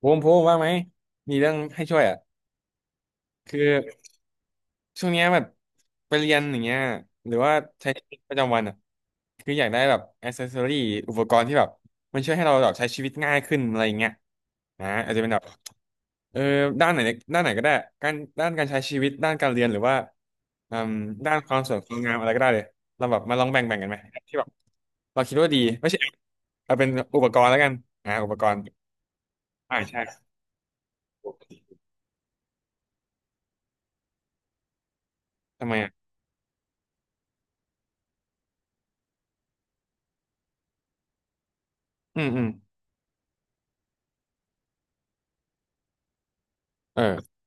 ภูมิว่างไหมมีเรื่องให้ช่วยอ่ะคือช่วงเนี้ยแบบไปเรียนอย่างเงี้ยหรือว่าใช้ชีวิตประจำวันอ่ะคืออยากได้แบบอ c เซสซอรี่อุปกรณ์ที่แบบมันช่วยให้เราแบบใช้ชีวิตง่ายขึ้นอะไรอย่างเงี้ยนะอาจจะเป็นแบบเออด้านไหนด้านไหนก็ได้การด้านการใช้ชีวิตด้านการเรียนหรือว่าอืมด้านความสวยความงามอะไรก็ได้เลยเราแบบมาลองแบ่งแบ่งกันไหมที่แบบเราคิดว่าดีไม่ใช่เอาเป็นอุปกรณ์แล้วกันอ่าอุปกรณ์อ่าใช่ทำไมอ่ะอืมอืมเออ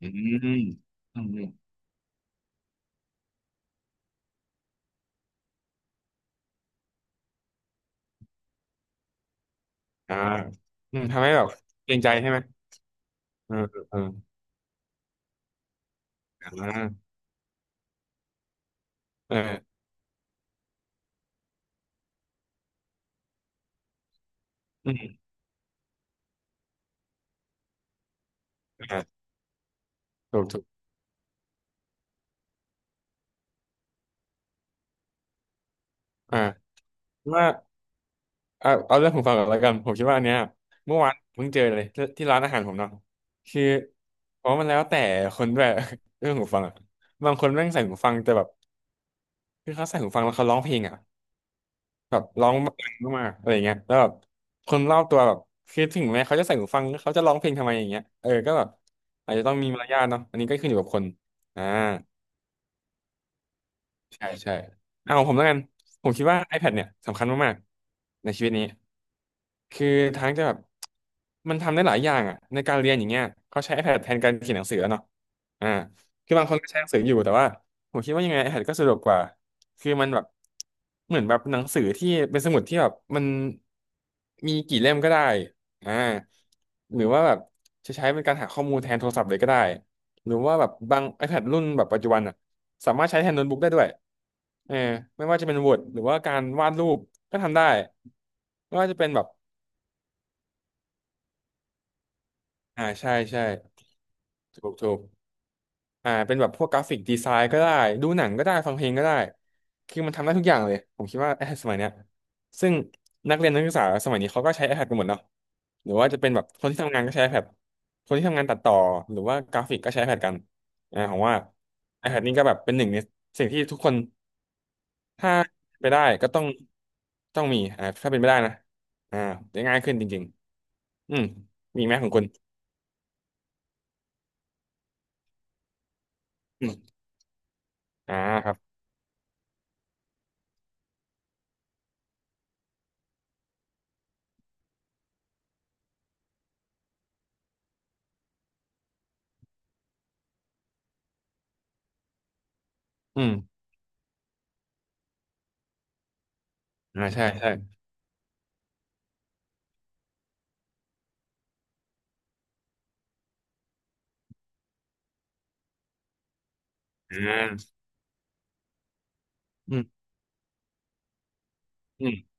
อืมต้อืมอ่าอืมทำให้แบบเกรงใจใช่ไหมเออเอออ่าเอออืมอ่าถูกถูกอ่าว่าเอาเรื่องของฟังก่อนแล้วกันผมคิดว่าอันเนี้ยเมื่อวานเพิ่งเจอเลยที่ร้านอาหารผมเนาะคือเพราะมันแล้วแต่คนด้วย เรื่องหูฟังอ่ะบางคนแม่งใส่หูฟังแต่แบบคือเขาใส่หูฟังแล้วเขาร้องเพลงอ่ะ แบบร้องดังมากๆอะไรอย่างเงี้ยแล้วแบบคนรอบตัวแบบคือถึงแม้เขาจะใส่หูฟังเขาจะร้องเพลงทำไมอย่างเงี้ยเออก็แบบอาจจะต้องมีมารยาทเนาะอันนี้ก็ขึ้นอยู่กับคนอ่า ใช่ใช่เอาของผมแล้วกันผมคิดว่า iPad เนี่ยสำคัญมากๆในชีวิตนี้คือทั้งจะแบบมันทำได้หลายอย่างอ่ะในการเรียนอย่างเงี้ยเขาใช้ iPad แทนการเขียนหนังสือแล้วเนาะอ่าคือบางคนก็ใช้หนังสืออยู่แต่ว่าผมคิดว่ายังไง iPad ก็สะดวกกว่าคือมันแบบเหมือนแบบหนังสือที่เป็นสมุดที่แบบมันมีกี่เล่มก็ได้อ่าหรือว่าแบบจะใช้เป็นการหาข้อมูลแทนโทรศัพท์เลยก็ได้หรือว่าแบบบาง iPad รุ่นแบบปัจจุบันอ่ะ สามารถใช้แทนโน้ตบุ๊กได้ด้วยเออไม่ว่าจะเป็น Word หรือว่าการวาดรูปก็ทำได้ไม่ว่าจะเป็นแบบอ่าใช่ใช่ถูกถูกอ่าเป็นแบบพวกกราฟิกดีไซน์ก็ได้ดูหนังก็ได้ฟังเพลงก็ได้คือมันทำได้ทุกอย่างเลยผมคิดว่า iPad สมัยเนี้ยซึ่งนักเรียนนักศึกษาสมัยนี้เขาก็ใช้ iPad กันหมดเนาะหรือว่าจะเป็นแบบคนที่ทำงานก็ใช้ iPad คนที่ทำงานตัดต่อหรือว่ากราฟิกก็ใช้ iPad กันอ่าผมว่า iPad นี่ก็แบบเป็นหนึ่งในสิ่งที่ทุกคน ถ้าไปได้ก็ต้องต้องมีอ่าถ้าเป็นไม่ได้นะอ่าจะง่ายขึ้นจริงๆอืมมีไหมของคุณอืมอ่าครับอืมอ่าใช่ใช่อ่าอืมอืม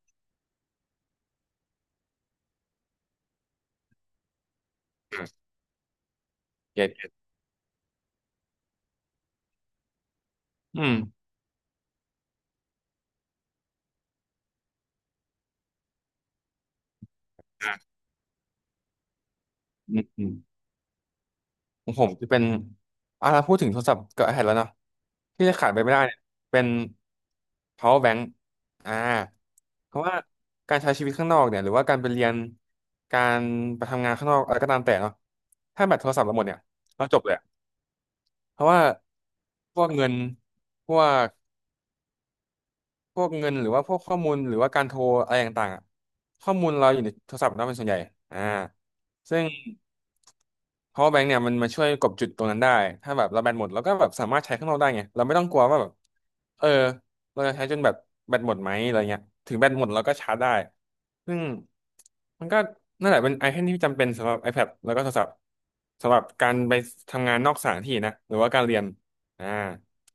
อ่าเก็ตเก็ตอืมอ่าอืมอืมของผมจะเป็นอ่าเราพูดถึงโทรศัพท์กับ iPad แล้วเนาะที่จะขาดไปไม่ได้เนี่ยเป็น power bank อ่าเพราะว่าการใช้ชีวิตข้างนอกเนี่ยหรือว่าการไปเรียน การไปทำงานข้างนอกอะไรก็ตามแต่เนาะถ้าแบตโทรศัพท์เราหมดเนี่ย เราจบเลย เพราะว่าพวกเงินพวกพวกเงิน หรือว่าพวกข้อมูล หรือว่าการโทรอะไรต่างๆอะข้อมูลเราอยู่ในโทรศัพท์เราเป็นส่วนใหญ่อ่าซึ่ง power bank เนี่ยมันมาช่วยกบจุดตรงนั้นได้ถ้าแบบเราแบตหมดเราก็แบบสามารถใช้ข้างนอกได้ไงเราไม่ต้องกลัวว่าแบบเออเราจะใช้จนแบบแบตหมดไหมอะไรเงี้ยถึงแบตหมดเราก็ชาร์จได้ซึ่งมันก็นั่นแหละเป็นไอเทมที่จำเป็นสำหรับ iPad แล้วก็โทรศัพท์สำหรับการไปทำงานนอกสถานที่นะหรือว่าการเรียนอ่า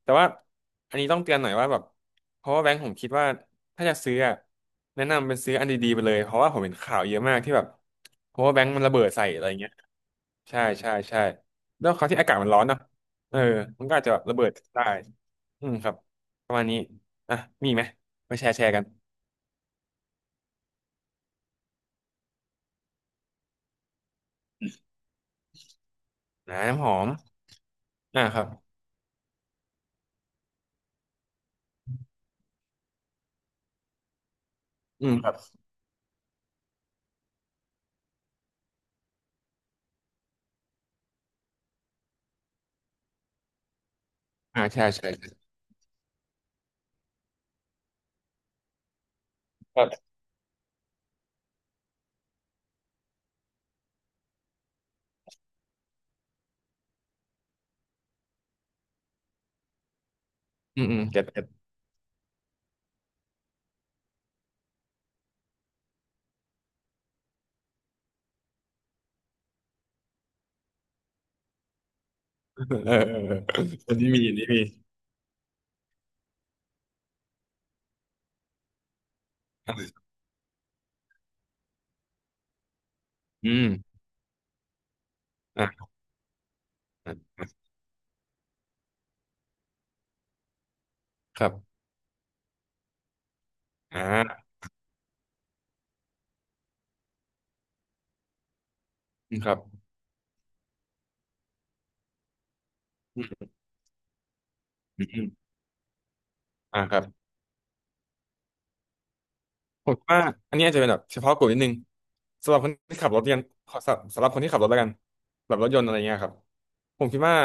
แต่ว่าอันนี้ต้องเตือนหน่อยว่าแบบเพราะว่าแบงค์ผมคิดว่าถ้าจะซื้ออะแนะนำเป็นซื้ออันดีๆไปเลยเพราะว่าผมเห็นข่าวเยอะมากที่แบบเพราะว่าแบงค์มันระเบิดใส่อะไรเงี้ยใช่ใช่ใช่แล้วเขาวที่อากาศมันร้อนเนอะเออมันก็อาจจะแบบระเบิดได้อืมครับประมาณนี้อ่ะมีอีกไหมไปแชร์แชร์กันอ่าน้ำหอมอ่าครับอืมครับอ่าแชร์แชร์ครับอืมอืมเก็ตเก็ต เออเออเอออันนี้มีอันนี้มีอืมอ่ะอ่ะครับอ่าอืมครับ อ่าครับผมคิดว่าอันนี้อาจจะเป็นแบบเฉพาะกลุ่มนิดนึงสำหรับคนที่ขับรถยันขอสำหรับคนที่ขับรถแล้วกันแบบรถยนต์อะไรเงี้ยครับผมคิดว่า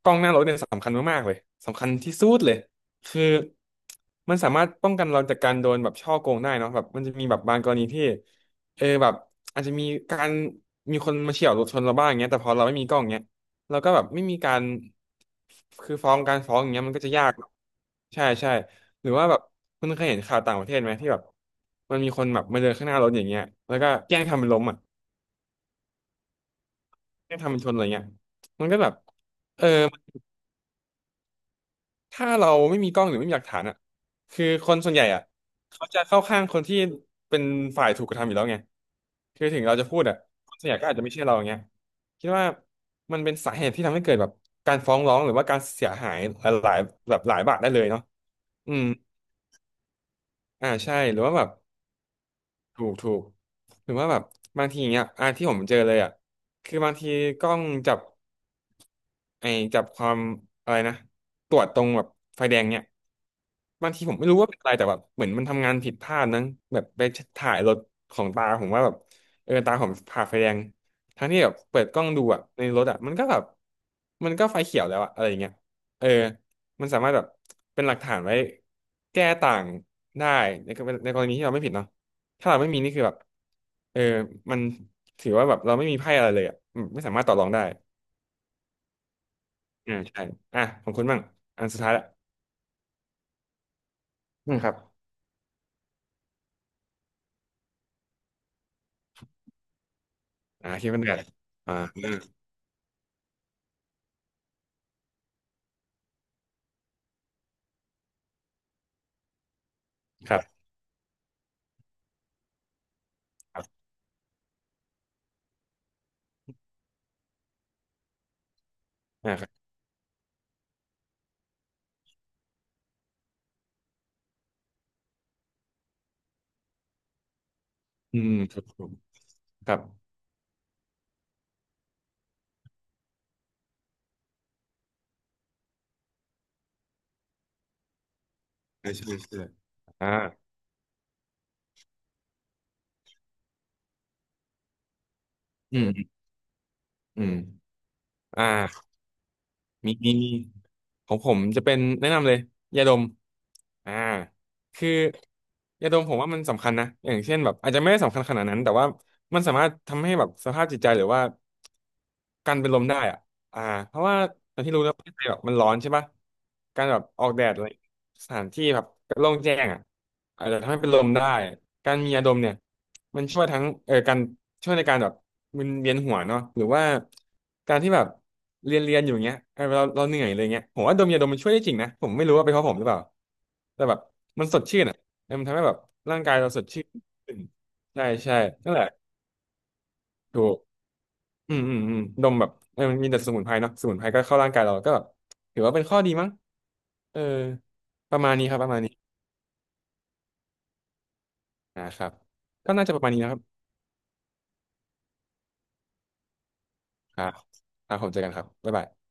กล้องหน้ารถเนี่ยสำคัญมากๆเลยสำคัญที่สุดเลยคือมันสามารถป้องกันเราจากการโดนแบบฉ้อโกงได้เนาะแบบมันจะมีแบบบางกรณีที่แบบอาจจะมีการมีคนมาเฉี่ยวรถชนเราบ้างเงี้ยแต่พอเราไม่มีกล้องเงี้ยเราก็แบบไม่มีการคือฟ้องอย่างเงี้ยมันก็จะยากใช่ใช่ หรือว่าแบบคุณเคยเห็นข่าวต่างประเทศไหมที่แบบมันมีคนแบบมาเดินข้างหน้ารถอย่างเงี้ยแล้วก็แกล้งทำเป็นล้มอ่ะแกล้งทำเป็นชนอะไรเงี้ยมันก็แบบเออถ้าเราไม่มีกล้องหรือไม่มีหลักฐานอ่ะคือคนส่วนใหญ่อ่ะเขาจะเข้าข้างคนที่เป็นฝ่ายถูกกระทำอยู่แล้วไงคือถึงเราจะพูดอ่ะคนส่วนใหญ่ก็อาจจะไม่เชื่อเราอย่างเงี้ยคิดว่ามันเป็นสาเหตุที่ทำให้เกิดแบบการฟ้องร้องหรือว่าการเสียหายหลายๆแบบหลายบาทได้เลยเนาะอืมอ่าใช่หรือว่าแบบ ถูกถูกหรือว่าแบบบางทีเนี้ยอ่ะที่ผมเจอเลยอ่ะคือบางทีกล้องจับไอ้จับความอะไรนะตรวจตรงแบบไฟแดงเนี่ยบางทีผมไม่รู้ว่าเป็นอะไรแต่แบบเหมือนมันทำงานผิดพลาดนั้งแบบไปถ่ายรถของตาผมว่าแบบตาผมผ่าไฟแดงทั้งที่แบบเปิดกล้องดูอ่ะในรถอ่ะมันก็แบบมันก็ไฟเขียวแล้วอ่ะอะไรอย่างเงี้ยเออมันสามารถแบบเป็นหลักฐานไว้แก้ต่างได้ในกรณีที่เราไม่ผิดเนาะ ถ้าเราไม่มีนี่คือแบบเออมันถือว่าแบบเราไม่มีไพ่อะไรเลยอ่ะอืมไม่สามารถต่อรองได้อ่าใช่อ่ะของคุณบ้างอันสุดท้ายละอืมครับ คิดเป็นแบบอ่าอืมครับครับอ่าครับอืมครับผมครับใช่ใช่ใช่อ่าอืมอืมอืมอ่า มีของผมจะเป็นแนะนำเลยยาดมอ่าคือยาดมผมว่ามันสำคัญนะอย่างเช่นแบบอาจจะไม่ได้สำคัญขนาดนั้นแต่ว่ามันสามารถทำให้แบบสภาพจิตใจหรือว่าการเป็นลมได้อ่ะอ่าเพราะว่าอย่างที่รู้แล้วประเทศไทยแบบมันร้อนใช่ปะการแบบออกแดดอะไรสถานที่แบบโล่งแจ้งอ่ะอาจจะทำให้เป็นลมได้การมียาดมเนี่ย มันช่วยทั้งการช่วยในการแบบมึนเวียนหัวเนาะหรือว่าการที่แบบเรียนอยู่เงี้ยเออเราเหนื่อยเลยเงี้ยผมว่าดมยาดมมันช่วยได้จริงนะผมไม่รู้ว่าเป็นเพราะผมหรือเปล่าแต่แบบมันสดชื่นอ่ะเออมันทำให้แบบร่างกายเราสดชื่นขึ้นใช่ใช่นั่นแหละถูกอืมอืมอืมดมแบบเออมันมีแต่สมุนไพรเนาะสมุนไพรก็เข้าร่างกายเราก็แบบถือว่าเป็นข้อดีมั้งเออประมาณนี้ครับประมาณนี้นะครับก็น่าจะประมาณนี้นะครับครับครับผมเจอกันครับบ๊ายบาย